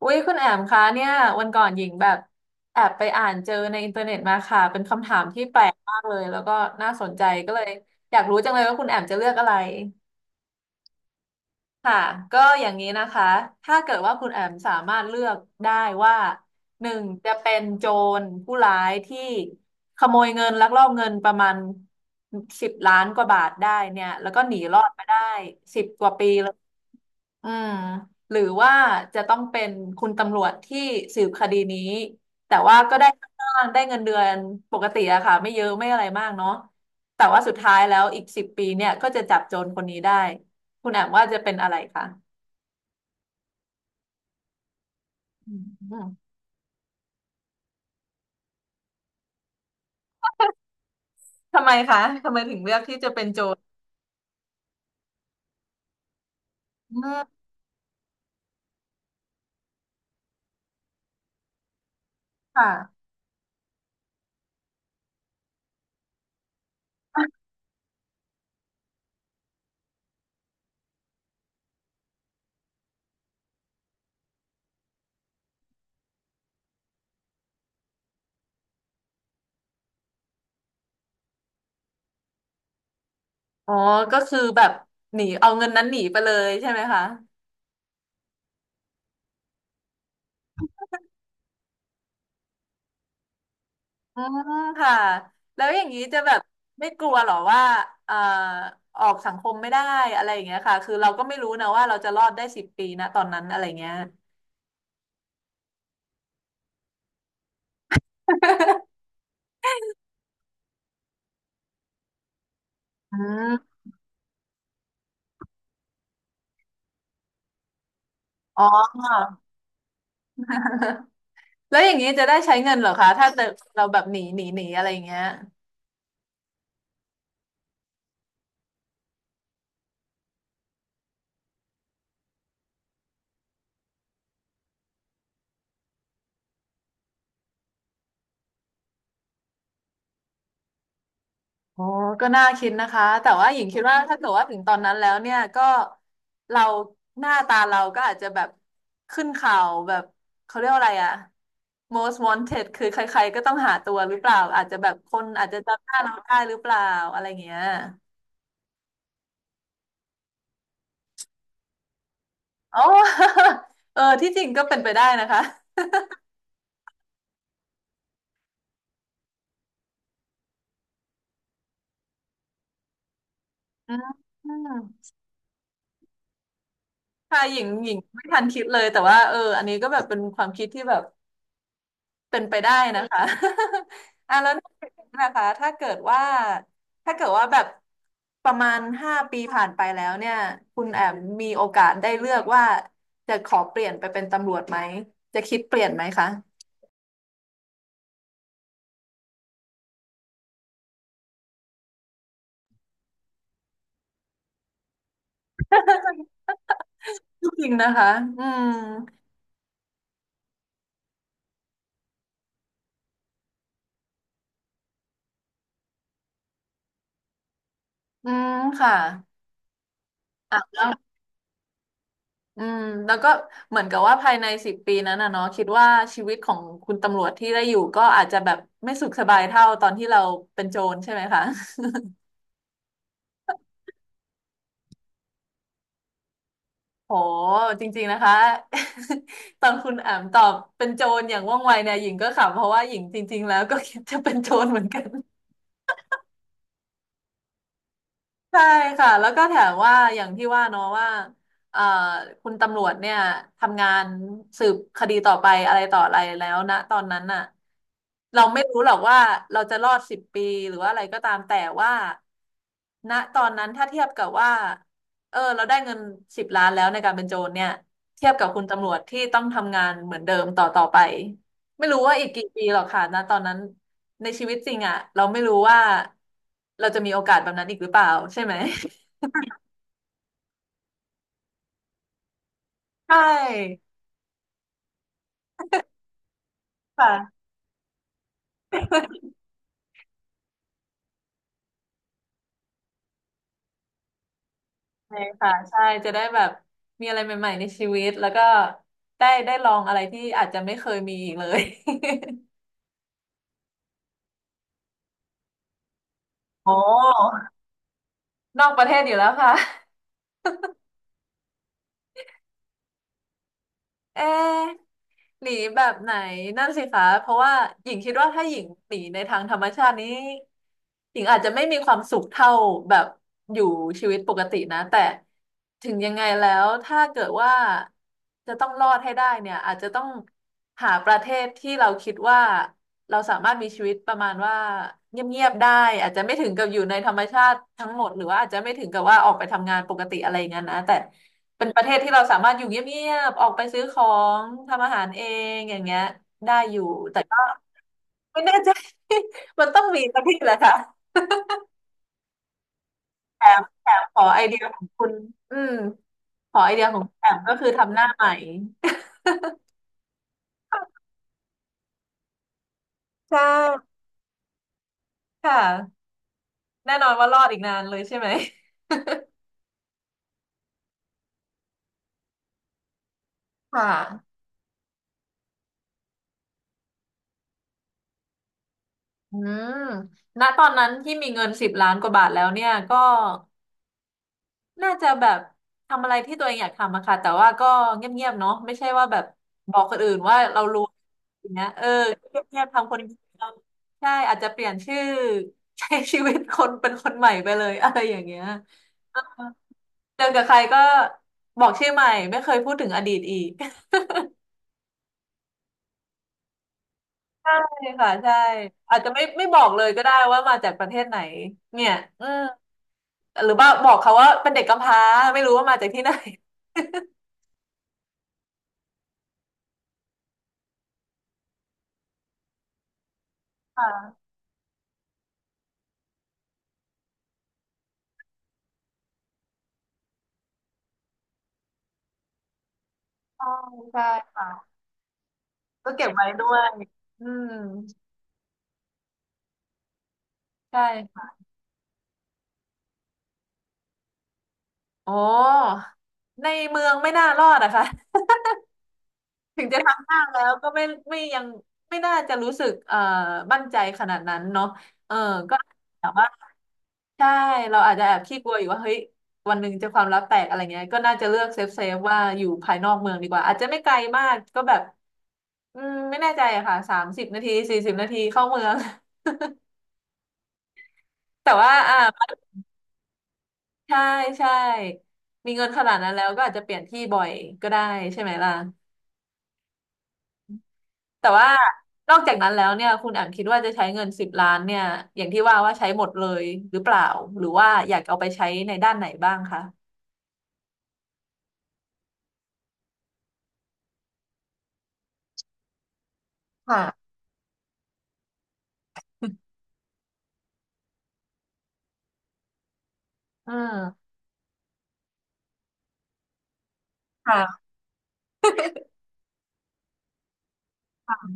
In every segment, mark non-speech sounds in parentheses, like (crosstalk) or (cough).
อุ้ยคุณแอมคะเนี่ยวันก่อนหญิงแบบแอบไปอ่านเจอในอินเทอร์เน็ตมาค่ะเป็นคำถามที่แปลกมากเลยแล้วก็น่าสนใจก็เลยอยากรู้จังเลยว่าคุณแอมจะเลือกอะไรค่ะก็อย่างนี้นะคะถ้าเกิดว่าคุณแอมสามารถเลือกได้ว่าหนึ่งจะเป็นโจรผู้ร้ายที่ขโมยเงินลักลอบเงินประมาณสิบล้านกว่าบาทได้เนี่ยแล้วก็หนีรอดมาได้10 กว่าปีเลย อืมหรือว่าจะต้องเป็นคุณตำรวจที่สืบคดีนี้แต่ว่าก็ได้ค่าจ้างได้เงินเดือนปกติอะค่ะไม่เยอะไม่อะไรมากเนาะแต่ว่าสุดท้ายแล้วอีกสิบปีเนี่ยก็จะจับโจรคนนี้ได้คุณแอมว่าจะเป็นอะไรคะอืมทำไมคะทำไมถึงเลือกที่จะเป็นโจรอืมค่ะอ๋อก็คือแบบหนีเอาเงินนั้นหนีไปเลยใช่ไหมคะ อืมค่ะแล้วอย่างนี้จะแบบไม่กลัวเหรอว่าเอ่อออกสังคมไม่ได้อะไรอย่างเงี้ยค่ะคือเราก็ไม่รู้นะว่าเราจะรอดได้สิบปีนะตอนนั้นอะไรเงี้ยอืมอ๋อ (laughs) แล้วอย่างนี้จะได้ใช้เงินเหรอคะถ้าเราแบบหนีหนีหนีอะไรอย่างเงี้ย อ๋อก็น่าคิดนะคะแต่ว่าหญิงคิดว่าถ้าเกิดว่าถึงตอนนั้นแล้วเนี่ยก็เราหน้าตาเราก็อาจจะแบบขึ้นข่าวแบบเขาเรียกว่าอะไรอะ most wanted คือใครๆก็ต้องหาตัวหรือเปล่าอาจจะแบบคนอาจจะจำหน้าเราได้หรือเปล่าอะไรเงี้ยอ๋อ (laughs) เออที่จริงก็เป็นไปได้นะคะอืมค่ะหญิงไม่ทันคิดเลยแต่ว่าเอออันนี้ก็แบบเป็นความคิดที่แบบ เป็นไปได้นะคะ (laughs) อ่ะแล้วนอกจากนี้นะคะถ้าเกิดว่าแบบประมาณ5 ปีผ่านไปแล้วเนี่ยคุณแอมมีโอกาสได้เลือกว่าจะขอเปลี่ยนไปเป็นตำรวจไหมจะคิดเปลี่ยนไหมคะจริงนะคะอืมอืมค่ะอ่ะแล้วอืมแล้วก็เหมือนกับว่าภายในสิบปีนั้นนะเนาะคิดว่าชีวิตของคุณตำรวจที่ได้อยู่ก็อาจจะแบบไม่สุขสบายเท่าตอนที่เราเป็นโจรใช่ไหมคะ โหจริงๆนะคะ (laughs) ตอนคุณอามตอบเป็นโจรอย่างว่องไวเนี่ยหญิงก็ขำเพราะว่าหญิงจริงๆแล้วก็คิดจะเป็นโจรเหมือนกัน ใช่ค่ะแล้วก็แถมว่าอย่างที่ว่าเนาะว่าเอ่อคุณตำรวจเนี่ยทำงานสืบคดีต่อไปอะไรต่ออะไรแล้วนะตอนนั้นน่ะเราไม่รู้หรอกว่าเราจะรอดสิบปีหรือว่าอะไรก็ตามแต่ว่าณตอนนั้นถ้าเทียบกับว่าเออเราได้เงินสิบล้านแล้วในการเป็นโจรเนี่ยเทียบกับคุณตำรวจที่ต้องทำงานเหมือนเดิมต่อไป ไม่รู้ว่าอีกกี่ปีหรอกค่ะนะตอนนั้นในชีวิตจริงอ่ะเราไม่รู้ว่าเราจะมีโอกาสแบบนั้นอีกหรือเปล่าใช่ไหม (laughs) ใช่ค่ะใช่ค่ะใช่จะได้แบบมีอะไรใหม่ๆในชีวิตแล้วก็ได้ลองอะไรที่อาจจะไม่เคยมีอีกเลย (laughs) โอ้นอกประเทศอยู่แล้วค่ะ เอ๊ะหนีแบบไหนนั่นสิคะเพราะว่าหญิงคิดว่าถ้าหญิงหนีในทางธรรมชาตินี้หญิงอาจจะไม่มีความสุขเท่าแบบอยู่ชีวิตปกตินะแต่ถึงยังไงแล้วถ้าเกิดว่าจะต้องรอดให้ได้เนี่ยอาจจะต้องหาประเทศที่เราคิดว่าเราสามารถมีชีวิตประมาณว่าเงียบๆได้อาจจะไม่ถึงกับอยู่ในธรรมชาติทั้งหมดหรือว่าอาจจะไม่ถึงกับว่าออกไปทำงานปกติอะไรอย่างนั้นนะแต่ เป็นประเทศที่เราสามารถอยู่เงียบๆออกไปซื้อของทำอาหารเองอย่างเงี้ยได้อยู่แต่ก็ไม่แน่ใจ (laughs) มันต้องมีสักที่แหละค่ะแถมขอไอเดียของคุณอืมขอไอเดียของคุณแถมก็คือทำหน้าใหม่ใช่ค่ะแน่นอนว่ารอดอีกนานเลยใช่ไหมค่ะอืมณตอนนั้นที่มีเงินสิบล้านกว่าบาทแล้วเนี่ยก็ น่าจะแบบทำอะไรที่ตัวเองอยากทำอะค่ะแต่ว่าก็เงียบๆเนาะไม่ใช่ว่าแบบบอกคนอื่นว่าเรารู้อย่างเงี้ยเออเงียบๆทำคนเดียวใช่อาจจะเปลี่ยนชื่อใช้ชีวิตคนเป็นคนใหม่ไปเลย (laughs) อะไรอย่างเงี้ยเออเจอกับใครก็บอกชื่อใหม่ไม่เคยพูดถึงอดีตอีก (laughs) ใช่ค่ะใช่อาจจะไม่บอกเลยก็ได้ว่ามาจากประเทศไหนเนี่ยอืมหรือว่าบอกเขาว่าเป็นเด็กกำพร้าไม่รู้ว่ามาจากที่ไหน (laughs) ค่ะใช่ใช่ค่ะ ก็เก็บไว้ด้วยอืมใช่ค่ะอ๋อในเมืองไม่น่ารอดอะค่ะ (laughs) ถึงจะทำห้างแล้วก็ไม่ยังไม่น่าจะรู้สึกมั่นใจขนาดนั้นเนาะเออก็แต่ว่าใช่ เราอาจจะแอบขี้กลัวอยู่ว่าเฮ้ยวันหนึ่งจะความลับแตกอะไรเงี้ยก็น่าจะเลือกเซฟเซฟว่าอยู่ภายนอกเมืองดีกว่า อาจจะไม่ไกลมากก็แบบอืมไม่แน่ใจอะค่ะ30 นาที40 นาทีเข้าเมือง (laughs) แต่ว่าใช่ใช่มีเงินขนาดนั้นแล้วก็อาจจะเปลี่ยนที่บ่อยก็ได้ใช่ไหมล่ะแต่ว่านอกจากนั้นแล้วเนี่ยคุณแอมคิดว่าจะใช้เงิน10 ล้านเนี่ยอย่างที่ว่าว่าใช้หมดเลยหรือเปล่าหรือว่าอยากเอาไปใช้ในด้านไหนบ้างคะค่ะอืมค่ะค่ะ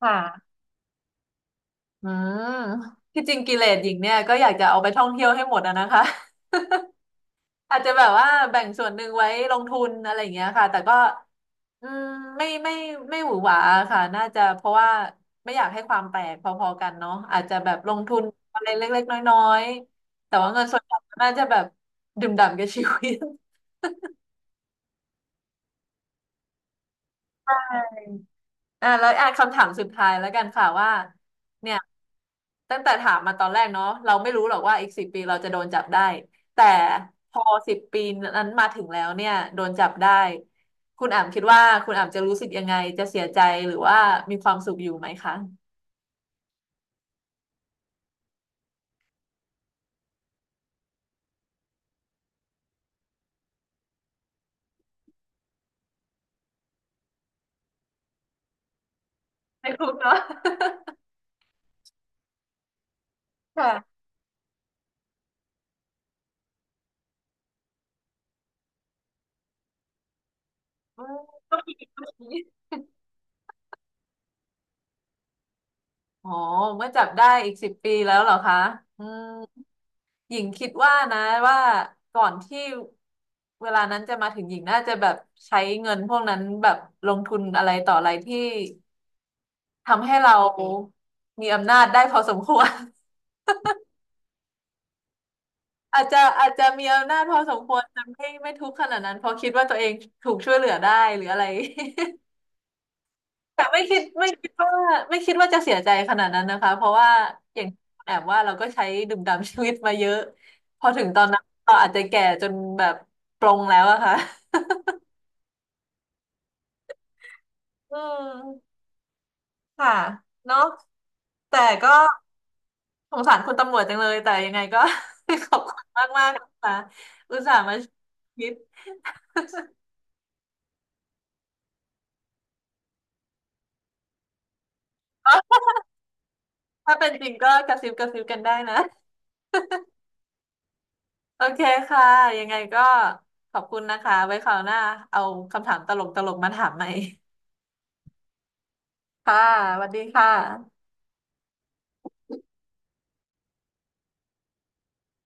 ค่ะอืมที่จริงกิเลสหญิงเนี่ยก็อยากจะเอาไปท่องเที่ยวให้หมดอะนะคะ อาจจะแบบว่าแบ่งส่วนหนึ่งไว้ลงทุนอะไรอย่างเงี้ยค่ะแต่ก็อืมไม่ไม่ไม่หวือหวาค่ะน่าจะเพราะว่าไม่อยากให้ความแตกพอๆกันเนาะอาจจะแบบลงทุนอะไรเล็กๆน้อยๆแต่ว่าเงินส่วนใหญ่น่าจะแบบดื่มด่ำกับชีวิต (laughs) อ่าแล้วอ่ะคำถามสุดท้ายแล้วกันค่ะว่าเนี่ย ตั้งแต่ถามมาตอนแรกเนาะเราไม่รู้หรอกว่าอีกสิบปีเราจะโดนจับได้แต่พอสิบปีนั้นมาถึงแล้วเนี่ยโดนจับได้คุณอ่ำคิดว่าคุณอ่ำจะรู้สึกยังไงจะเสียใจหรือว่ามีความสุขอยู่ไหมคะไม่รู้เนาะ (laughs) ค่ะอืมก็มีก็มีอ๋อเมื่อจับได้อีกสิบปีแล้วเหรอคะอืมหญิงคิดว่านะว่าก่อนที่เวลานั้นจะมาถึงหญิงน่าจะแบบใช้เงินพวกนั้นแบบลงทุนอะไรต่ออะไรที่ ทำให้เรามีอำนาจได้พอสมควร (laughs) อาจจะมีอำนาจพอสมควรแต่ไม่ทุกข์ขนาดนั้นเพราะคิดว่าตัวเองถูกช่วยเหลือได้หรืออะไร (laughs) แต่ไม่คิดว่าจะเสียใจขนาดนั้นนะคะเพราะว่าอย่างแอบว่าเราก็ใช้ดื่มด่ำชีวิตมาเยอะพอถึงตอนนั้นเราอาจจะแก่จนแบบปลงแล้วอะค่ะอืมค่ะเนาะแต่ก็ สงสารคุณตำรวจจังเลยแต่ยังไงก็ (laughs) ขอบคุณมากมากนะคะอุตส่าห์มาคิดเอ้อถ้าเป็นจริงก็กระซิบกระซิบกันได้นะโอเคค่ะยังไงก็ขอบคุณนะคะไว้คราวหน้าเอาคำถามตลกตลกมาถามใหม่ค่ะสวัสดีค่ะ